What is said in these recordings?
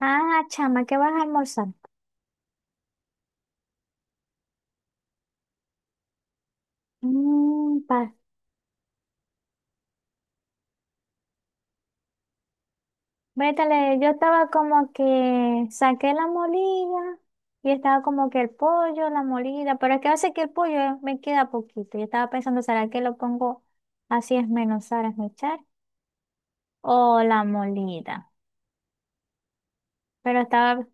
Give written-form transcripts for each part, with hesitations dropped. Ah, chama, ¿qué vas a almorzar? Mm, pa. Vétale, yo estaba como que saqué la molida y estaba como que el pollo, la molida, pero es que hace que el pollo me queda poquito. Yo estaba pensando, ¿será que lo pongo así esmenuzar, esmechar? O la molida. Pero estaba,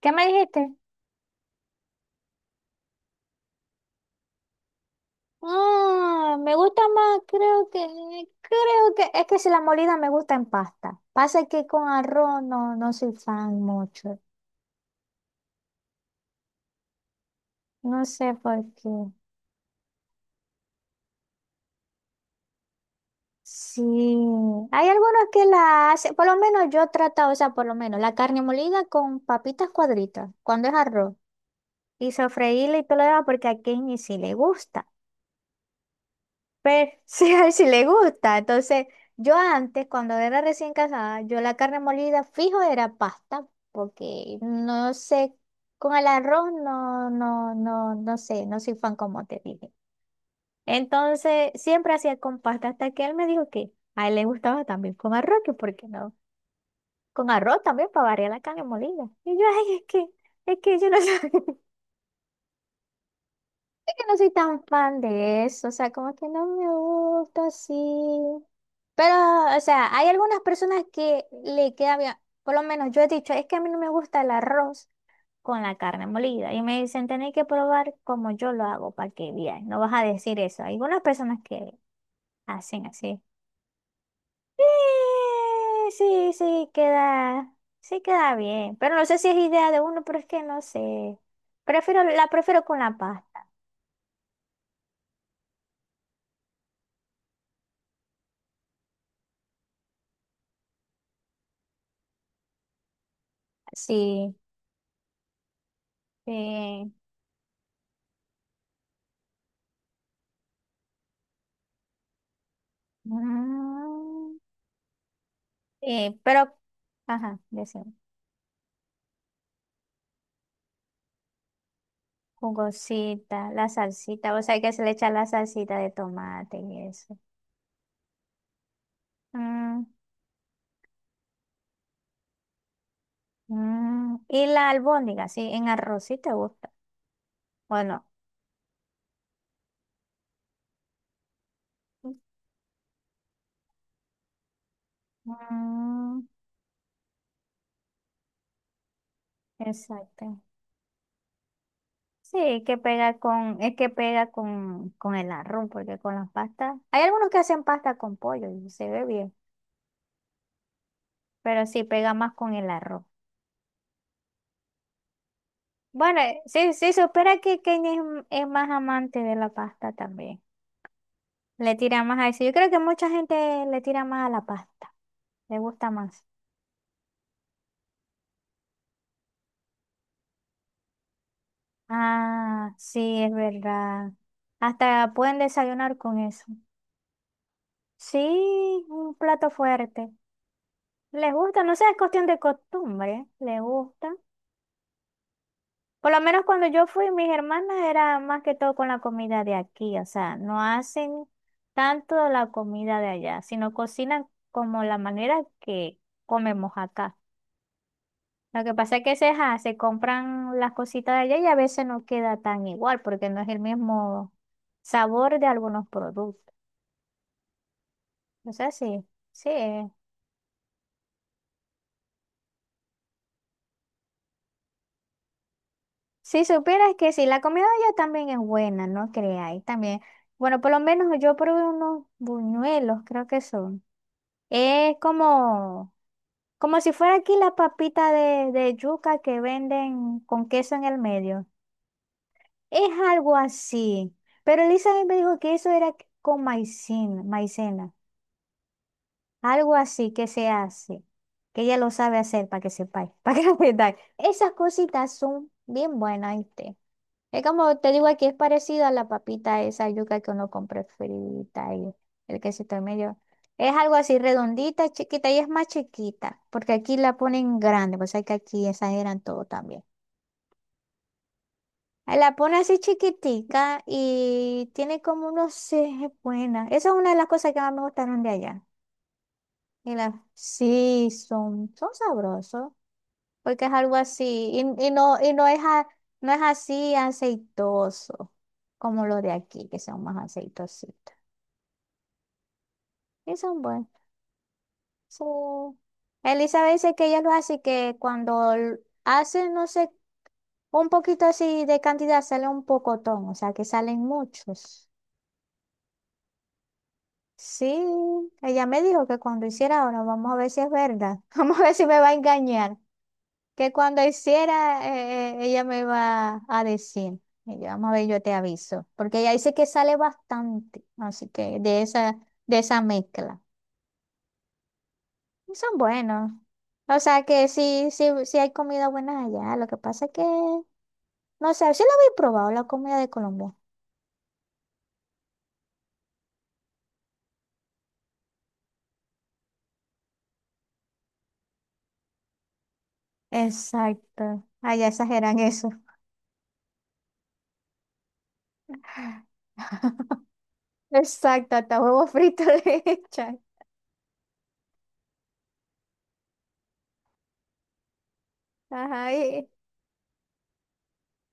¿qué me dijiste? Ah, me gusta más, creo que, es que si la molida me gusta en pasta. Pasa que con arroz no, no soy fan mucho. No sé por qué. Sí, hay algunos que la hacen, por lo menos yo he tratado, o sea, por lo menos la carne molida con papitas cuadritas, cuando es arroz, y sofreírla y todo lo demás, porque a Kenny sí le gusta, pero sí, a él sí le gusta. Entonces, yo antes, cuando era recién casada, yo la carne molida fijo era pasta, porque no sé, con el arroz no, no, no, no sé, no soy fan como te dije. Entonces, siempre hacía con pasta, hasta que él me dijo que a él le gustaba también con arroz, que por qué no. Con arroz también para variar la carne molida. Y yo, ay, es que yo no soy, es que no soy tan fan de eso, o sea, como que no me gusta así. Pero, o sea, hay algunas personas que le queda bien, por lo menos yo he dicho, es que a mí no me gusta el arroz con la carne molida. Y me dicen, tenéis que probar como yo lo hago para que veas, no vas a decir eso. Hay algunas personas que hacen así. Sí, sí, sí queda bien. Pero no sé si es idea de uno, pero es que no sé. La prefiero con la pasta. Sí, sí. Mm, sí, pero, ajá, decimos, jugosita, la salsita, o sea que se le echa la salsita de tomate y eso. Mm, mm, y la albóndiga, sí, en arroz, sí te gusta. Bueno, mm, exacto. Sí, que pega con, es que pega con el arroz, porque con las pastas. Hay algunos que hacen pasta con pollo y se ve bien, pero sí pega más con el arroz. Bueno, sí, sí, supera que Kenia es más amante de la pasta también. Le tira más a eso. Yo creo que mucha gente le tira más a la pasta. Le gusta más. Ah, sí, es verdad. Hasta pueden desayunar con eso. Sí, un plato fuerte. Les gusta, no sé, es cuestión de costumbre. Les gusta. Por lo menos cuando yo fui, mis hermanas era más que todo con la comida de aquí, o sea, no hacen tanto la comida de allá, sino cocinan como la manera que comemos acá. Lo que pasa es que se compran las cositas de allá y a veces no queda tan igual porque no es el mismo sabor de algunos productos. O sea, sí, sí. Si supieras que sí, la comida de allá también es buena, no creáis, también. Bueno, por lo menos yo probé unos buñuelos, creo que son. Es como, como si fuera aquí la papita de yuca que venden con queso en el medio. Es algo así. Pero Elizabeth me dijo que eso era con maicena, maicena. Algo así que se hace. Que ella lo sabe hacer para que sepáis. Para que sepáis. Esas cositas son bien buenas, ¿viste? Es como te digo aquí, es parecida a la papita esa yuca que uno compra frita y el quesito en medio. Es algo así redondita, chiquita y es más chiquita, porque aquí la ponen grande, pues hay que aquí exageran todo también. Ahí la pone así chiquitica y tiene como unos seis buenas. Esa es una de las cosas que más me gustaron de allá. Y las, sí, son, sabrosos. Porque es algo así, y no, y no es, a- no es así aceitoso, como los de aquí, que son más aceitositos. Y son buenos. Sí. Elizabeth dice que ella lo hace, que cuando hace, no sé, un poquito así de cantidad, sale un pocotón, o sea, que salen muchos. Sí, ella me dijo que cuando hiciera ahora, vamos a ver si es verdad, vamos a ver si me va a engañar. Que cuando hiciera, ella me iba a decir. Y yo, vamos a ver, yo te aviso. Porque ella dice que sale bastante, así que de esa mezcla. Y son buenos. O sea que sí, sí, sí hay comida buena allá. Lo que pasa es que, no sé, sí lo había probado, la comida de Colombia. Exacto. Allá exageran eso. Exacto, hasta huevo frito le echan. Ajá.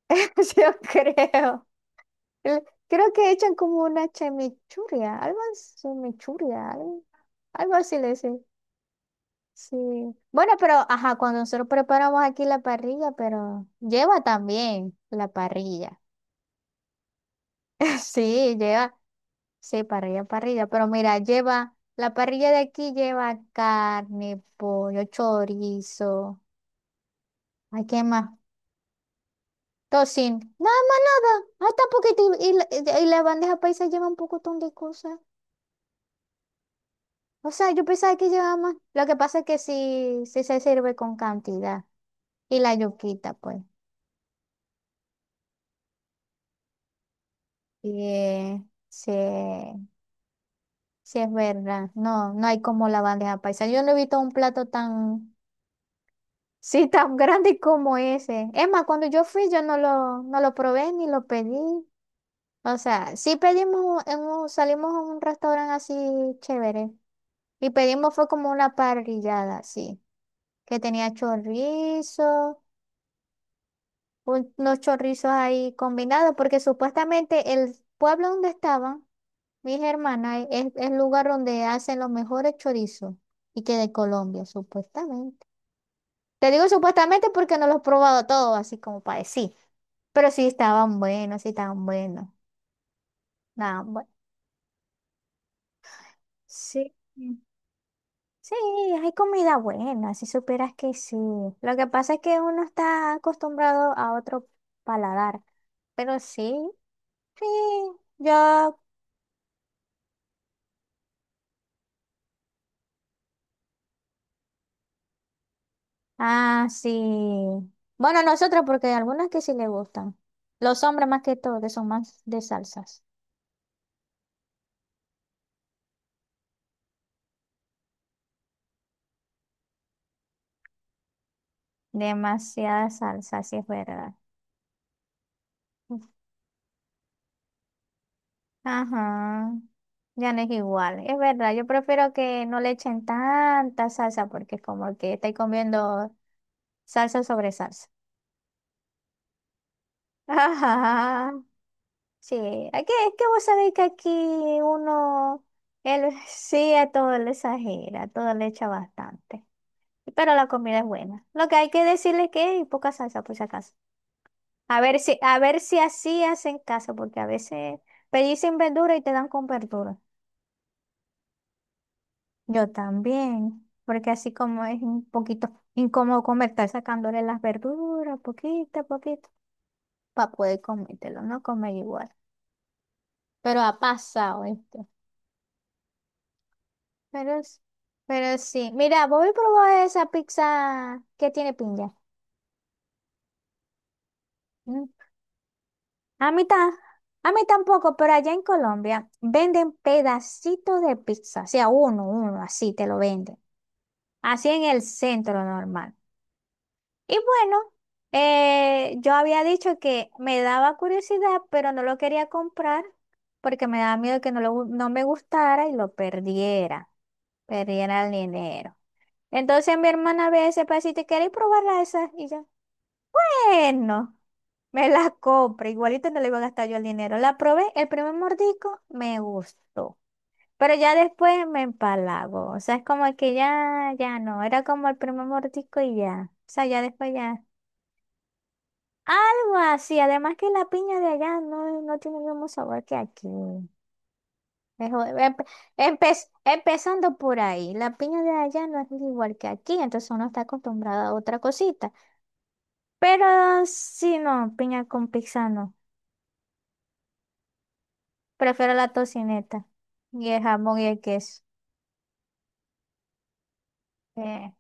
Yo creo. el- creo que echan como una chimichurria, algo así, chimichurria, algo así le dicen. Sí. Bueno, pero ajá, cuando nosotros preparamos aquí la parrilla, pero lleva también la parrilla. Sí, lleva, sí, parrilla, parrilla, pero mira, lleva, la parrilla de aquí lleva carne, pollo, chorizo, ay, ¿qué más? Tocino, nada más nada, hasta poquito, y la bandeja paisa lleva un pocotón de cosas. O sea, yo pensaba que llevaba más. Lo que pasa es que sí, sí se sirve con cantidad. Y la yuquita, pues. Y sí, sí es verdad. No, no hay como la bandeja paisa. Yo no he visto un plato tan, sí, tan grande como ese. Es más, cuando yo fui, yo no lo probé ni lo pedí. O sea, sí pedimos, salimos a un restaurante así chévere. Y pedimos fue como una parrillada, sí. Que tenía chorizo. Unos chorrizos ahí combinados, porque supuestamente el pueblo donde estaban mis hermanas es el lugar donde hacen los mejores chorizos y que de Colombia, supuestamente. Te digo supuestamente porque no los he probado todos, así como para decir, pero sí estaban buenos, sí estaban buenos. Nada, bueno. Sí. Sí, hay comida buena, si supieras que sí. Lo que pasa es que uno está acostumbrado a otro paladar, pero sí, sí. Yo Ah, sí. Bueno, nosotros, porque hay algunas que sí le gustan. Los hombres más que todo, que son más de salsas. Demasiada salsa, sí es verdad. Ajá. Ya no es igual. Es verdad, yo prefiero que no le echen tanta salsa porque es como que estáis comiendo salsa sobre salsa. Ajá. Sí, aquí es que vos sabéis que aquí uno, él sí a todo le exagera, a todo le echa bastante. Pero la comida es buena. Lo que hay que decirle es que hay poca salsa, por si acaso. A ver si así hacen caso, porque a veces pedís sin verdura y te dan con verdura. Yo también, porque así como es un poquito incómodo comer, estar sacándole las verduras, poquito a poquito, para poder comértelo, no comer igual. Pero ha pasado esto. Pero, es- pero sí. Mira, voy a probar esa pizza que tiene piña. A mí, ta- a mí tampoco, pero allá en Colombia venden pedacitos de pizza, o sea, uno, uno, así te lo venden, así en el centro normal. Y bueno, yo había dicho que me daba curiosidad, pero no lo quería comprar porque me daba miedo que no me gustara y lo perdiera, el dinero. Entonces mi hermana ve ese pedacito y quiere probarla esa y yo, bueno. Me la compré, igualito no le iba a gastar yo el dinero. La probé, el primer mordisco me gustó, pero ya después me empalago. O sea, es como que ya, ya no, era como el primer mordisco y ya. O sea, ya después ya. Algo así, además que la piña de allá no tiene el mismo sabor que aquí. Es empezando por ahí, la piña de allá no es igual que aquí, entonces uno está acostumbrado a otra cosita. Pero si no, piña con pizza no. Prefiero la tocineta y el jamón y el queso. Eh,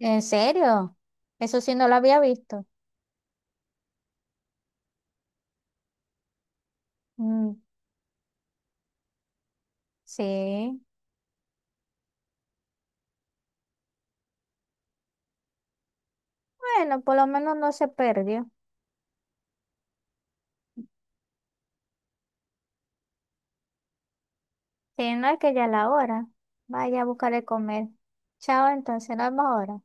¿En serio? Eso sí no lo había visto. Mm, sí. Bueno, por lo menos no se perdió. Si no es que ya es la hora. Vaya a buscar el comer. Chao, entonces, nos vemos ahora.